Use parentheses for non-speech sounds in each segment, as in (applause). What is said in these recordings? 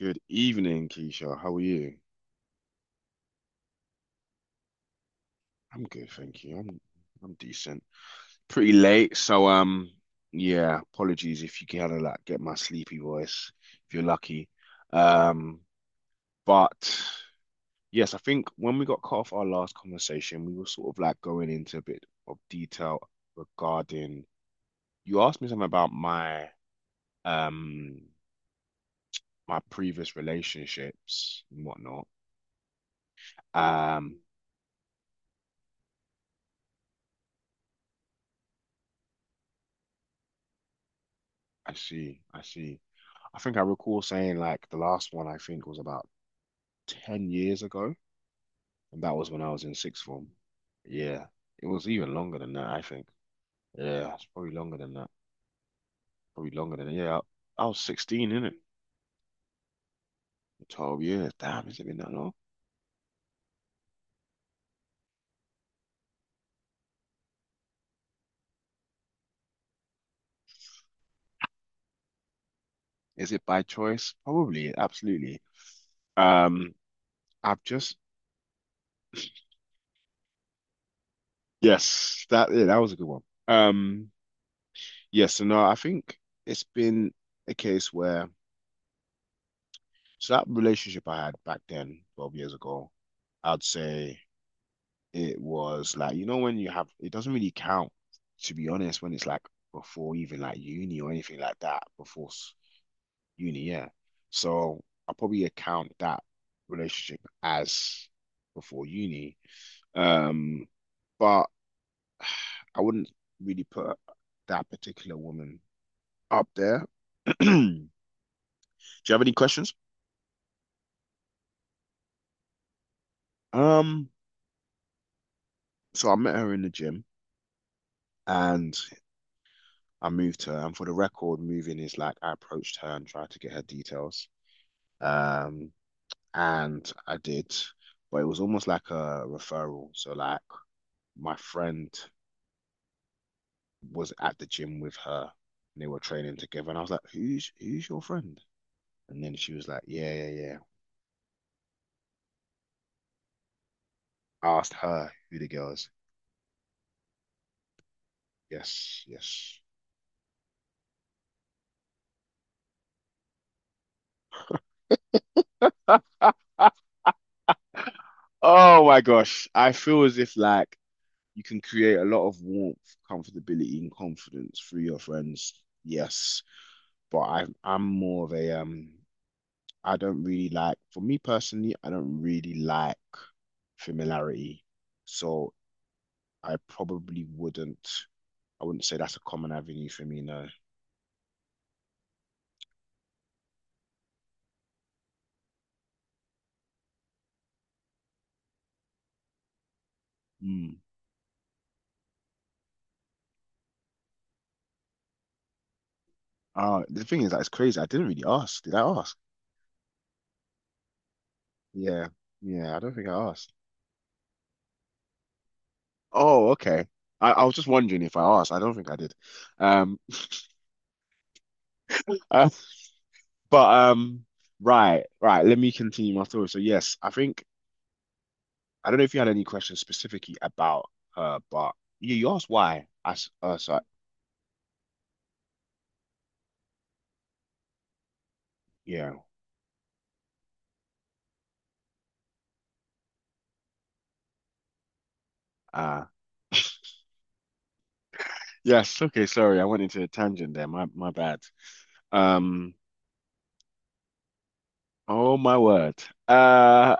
Good evening, Keisha. How are you? I'm good, thank you. I'm decent. Pretty late, so yeah, apologies if you kind of like get my sleepy voice if you're lucky. Um but yes, I think when we got cut off our last conversation, we were sort of like going into a bit of detail regarding you asked me something about um my previous relationships and whatnot. Um I see, I see. I think I recall saying like the last one I think was about 10 years ago, and that was when I was in sixth form. Yeah, it was even longer than that, I think. Yeah, it's probably longer than that. Probably longer than that. Yeah, I was 16, innit? 12 years. Damn, has it been that long? Is it by choice? Probably, absolutely. Um, I've just Yes, that was a good one. Um, yes, so no, I think it's been a case where so that relationship I had back then, 12 years ago, I'd say it was like, you know, when you have, it doesn't really count, to be honest, when it's like before even like uni or anything like that. Before uni, yeah. So I probably account that relationship as before uni, um but I wouldn't really put that particular woman up there. (clears throat) Do you have any questions? um so I met her in the gym, and I moved her, and for the record, moving is like I approached her and tried to get her details, um, and I did, but it was almost like a referral. So like, my friend was at the gym with her, and they were training together, and I was like, "Who's your friend?" And then she was like, "Yeah, yeah, yeah." I asked her who the girl is. Yes, yes. (laughs) Oh my gosh, I feel as if like you can create a lot of warmth, comfortability, and confidence through your friends. Yes, but I'm more of a I don't really like for me personally, I don't really like familiarity. So I probably wouldn't, I wouldn't say that's a common avenue for me, no. Hmm. The thing is that it's crazy. I didn't really ask. Did I ask? Yeah. Yeah, I don't think I asked. Oh, okay. I was just wondering if I asked. I don't think I did. Um, uh, but right, right. Let me continue my thought. So yes, I think I don't know if you had any questions specifically about her, but yeah, you asked why. I s- so I- Yeah. Uh (laughs) Yes. Okay. Sorry, I went into a tangent there. My bad. Um. Oh my word. Uh.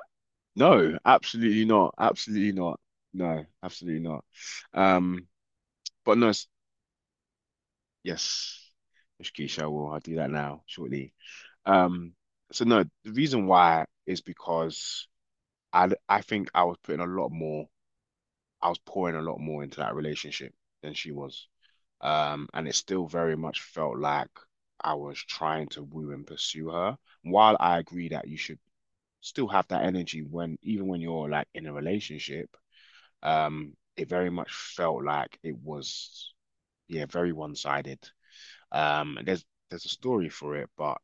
No. Absolutely not. Absolutely not. No. Absolutely not. Um. But no. Yes. Ishkeisha, I will. I'll do that now shortly. Um. So no. The reason why is because I think I was putting a lot more. I was pouring a lot more into that relationship than she was. And it still very much felt like I was trying to woo and pursue her. While I agree that you should still have that energy, even when you're like in a relationship, it very much felt like it was, yeah, very one-sided. And there's a story for it, but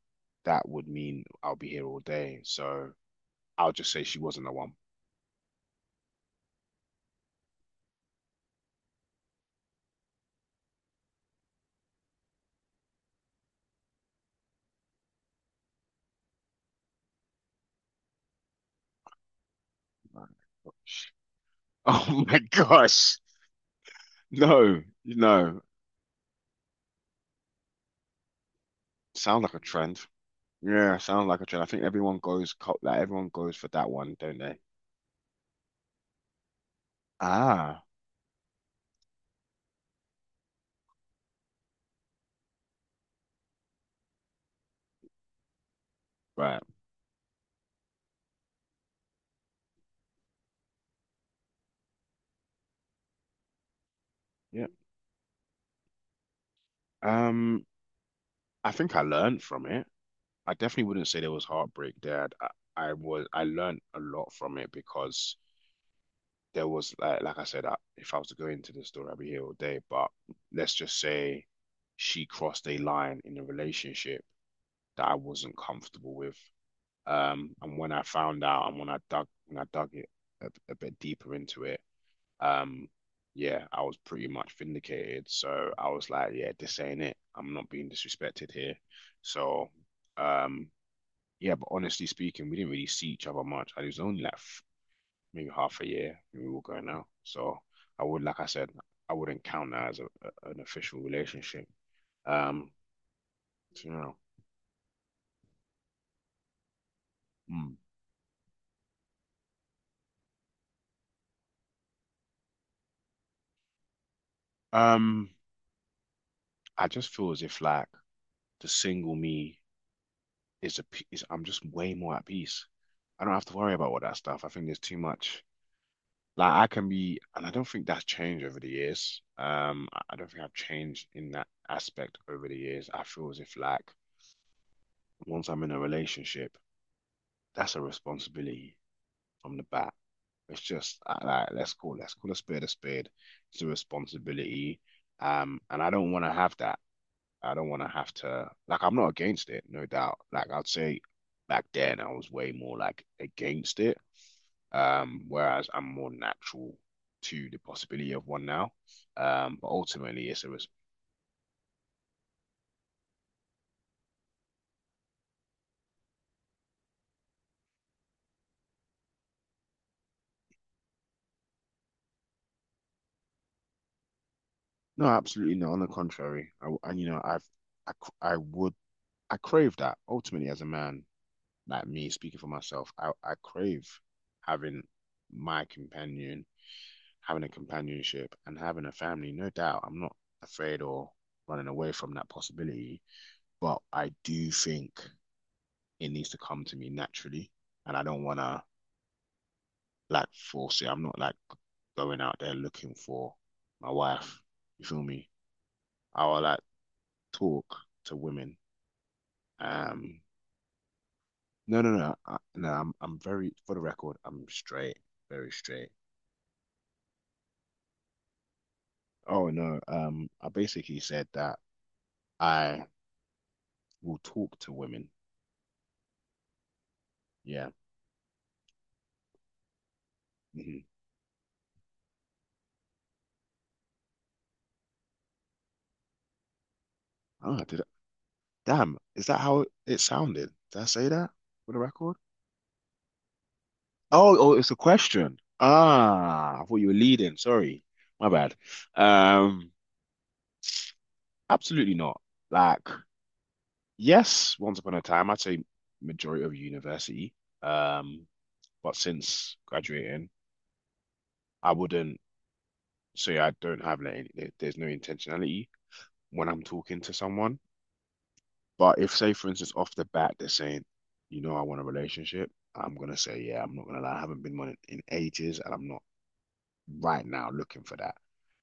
that would mean I'll be here all day. So I'll just say she wasn't the one. (laughs) Oh my gosh. No, no. Sound like a trend. Yeah, sounds like a trend. I think everyone goes co- like everyone goes for that one, don't they? Ah, right. Yeah. Um, I think I learned from it. I definitely wouldn't say there was heartbreak there. I learned a lot from it because there was like, I said, if I was to go into the story, I'd be here all day. But let's just say she crossed a line in a relationship that I wasn't comfortable with. And when I found out, and when I dug it a bit deeper into it. Um, yeah, I was pretty much vindicated. So I was like, yeah, this ain't it. I'm not being disrespected here. So, um, yeah, but honestly speaking, we didn't really see each other much. And it was only like maybe half a year we were going out. So like I said, I wouldn't count that as an official relationship. Um, so, you know, mm. Um, I just feel as if like the single me is I'm just way more at peace. I don't have to worry about all that stuff. I think there's too much. Like, I can be, and I don't think that's changed over the years. I don't think I've changed in that aspect over the years. I feel as if like once I'm in a relationship, that's a responsibility from the bat. It's just like, let's call a spade a spade. It's a responsibility. And I don't want to have that. I don't want to have to. Like, I'm not against it, no doubt. Like, I'd say back then I was way more like against it. Whereas I'm more natural to the possibility of one now. But ultimately, it's a res no, absolutely not. On the contrary, I, and you know I've I, I would I crave that ultimately. As a man, like me speaking for myself, I crave having my companion having a companionship and having a family, no doubt. I'm not afraid or running away from that possibility, but I do think it needs to come to me naturally. And I don't want to like force it. I'm not like going out there looking for my wife. You feel me? I will like talk to women. Um, no, no, no, no. I'm very, for the record, I'm straight, very straight. Oh no, I basically said that I will talk to women. Yeah. Mm-hmm. Oh, did Damn, is that how it sounded? Did I say that for the record? Oh, oh, it's a question. Ah, I thought you were leading. Sorry, my bad. Um, Absolutely not. Like, yes, once upon a time, I'd say majority of university. Um, but since graduating, I wouldn't say I don't have like any. There's no intentionality when I'm talking to someone. But if, say, for instance, off the bat, they're saying, you know, I want a relationship, I'm gonna say, yeah, I'm not gonna lie, I haven't been one in ages, and I'm not right now looking for that.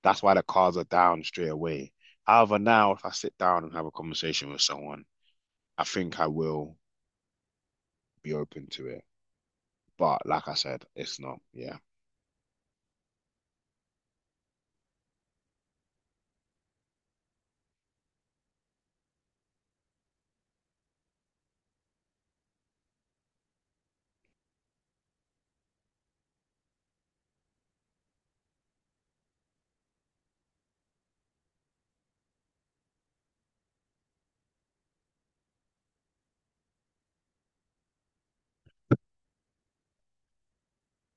That's why the cards are down straight away. However, now if I sit down and have a conversation with someone, I think I will be open to it. But like I said, it's not, yeah.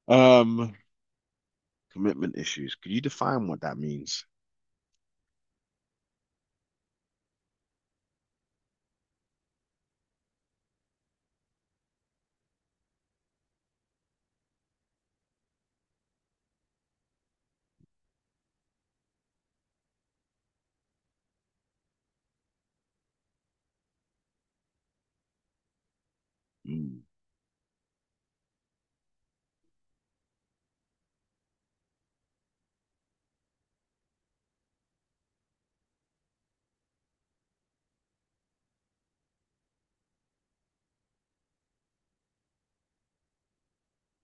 Um, Commitment issues. Could you define what that means? Mm,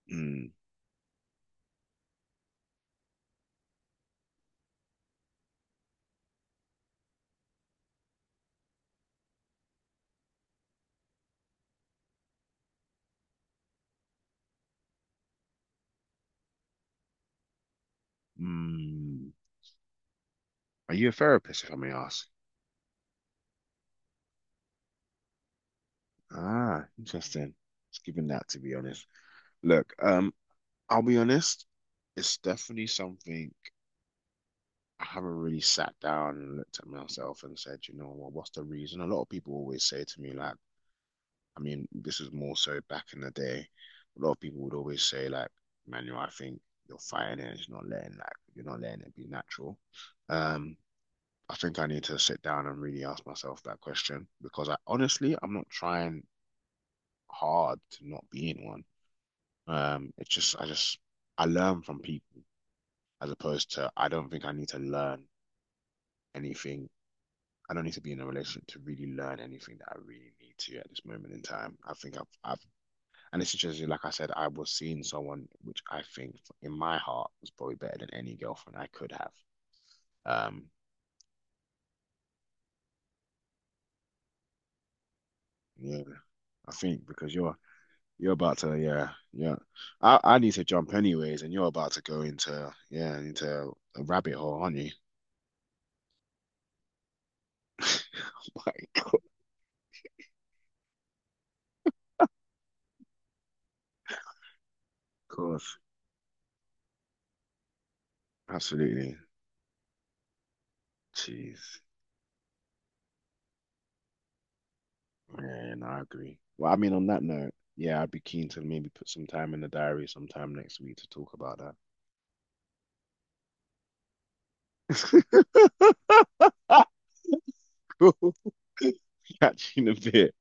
mm, mm. Are you a therapist, if I may ask? Ah, interesting. Just giving that, to be honest. Look, I'll be honest, it's definitely something I haven't really sat down and looked at myself and said, you know what, what's the reason? A lot of people always say to me, like, I mean, this is more so back in the day. A lot of people would always say, like, Manuel, I think you're fighting it, it's not letting like, you're not letting it be natural. Um, I think I need to sit down and really ask myself that question because I, honestly, I'm not trying hard to not be in one. It's just I learn from people as opposed to I don't think I need to learn anything. I don't need to be in a relationship to really learn anything that I really need to at this moment in time. I think I've and it's just like I said, I was seeing someone which I think in my heart was probably better than any girlfriend I could have. Um, yeah, I think because you're about to, yeah, yeah, I need to jump anyways, and you're about to go into a rabbit hole, aren't you? (laughs) Like, of course, absolutely, jeez. Man, I agree. Well, I mean, on that note, yeah, I'd be keen to maybe put some time in the diary sometime next week to talk about that. (laughs) Cool. (laughs) Catch you in a bit.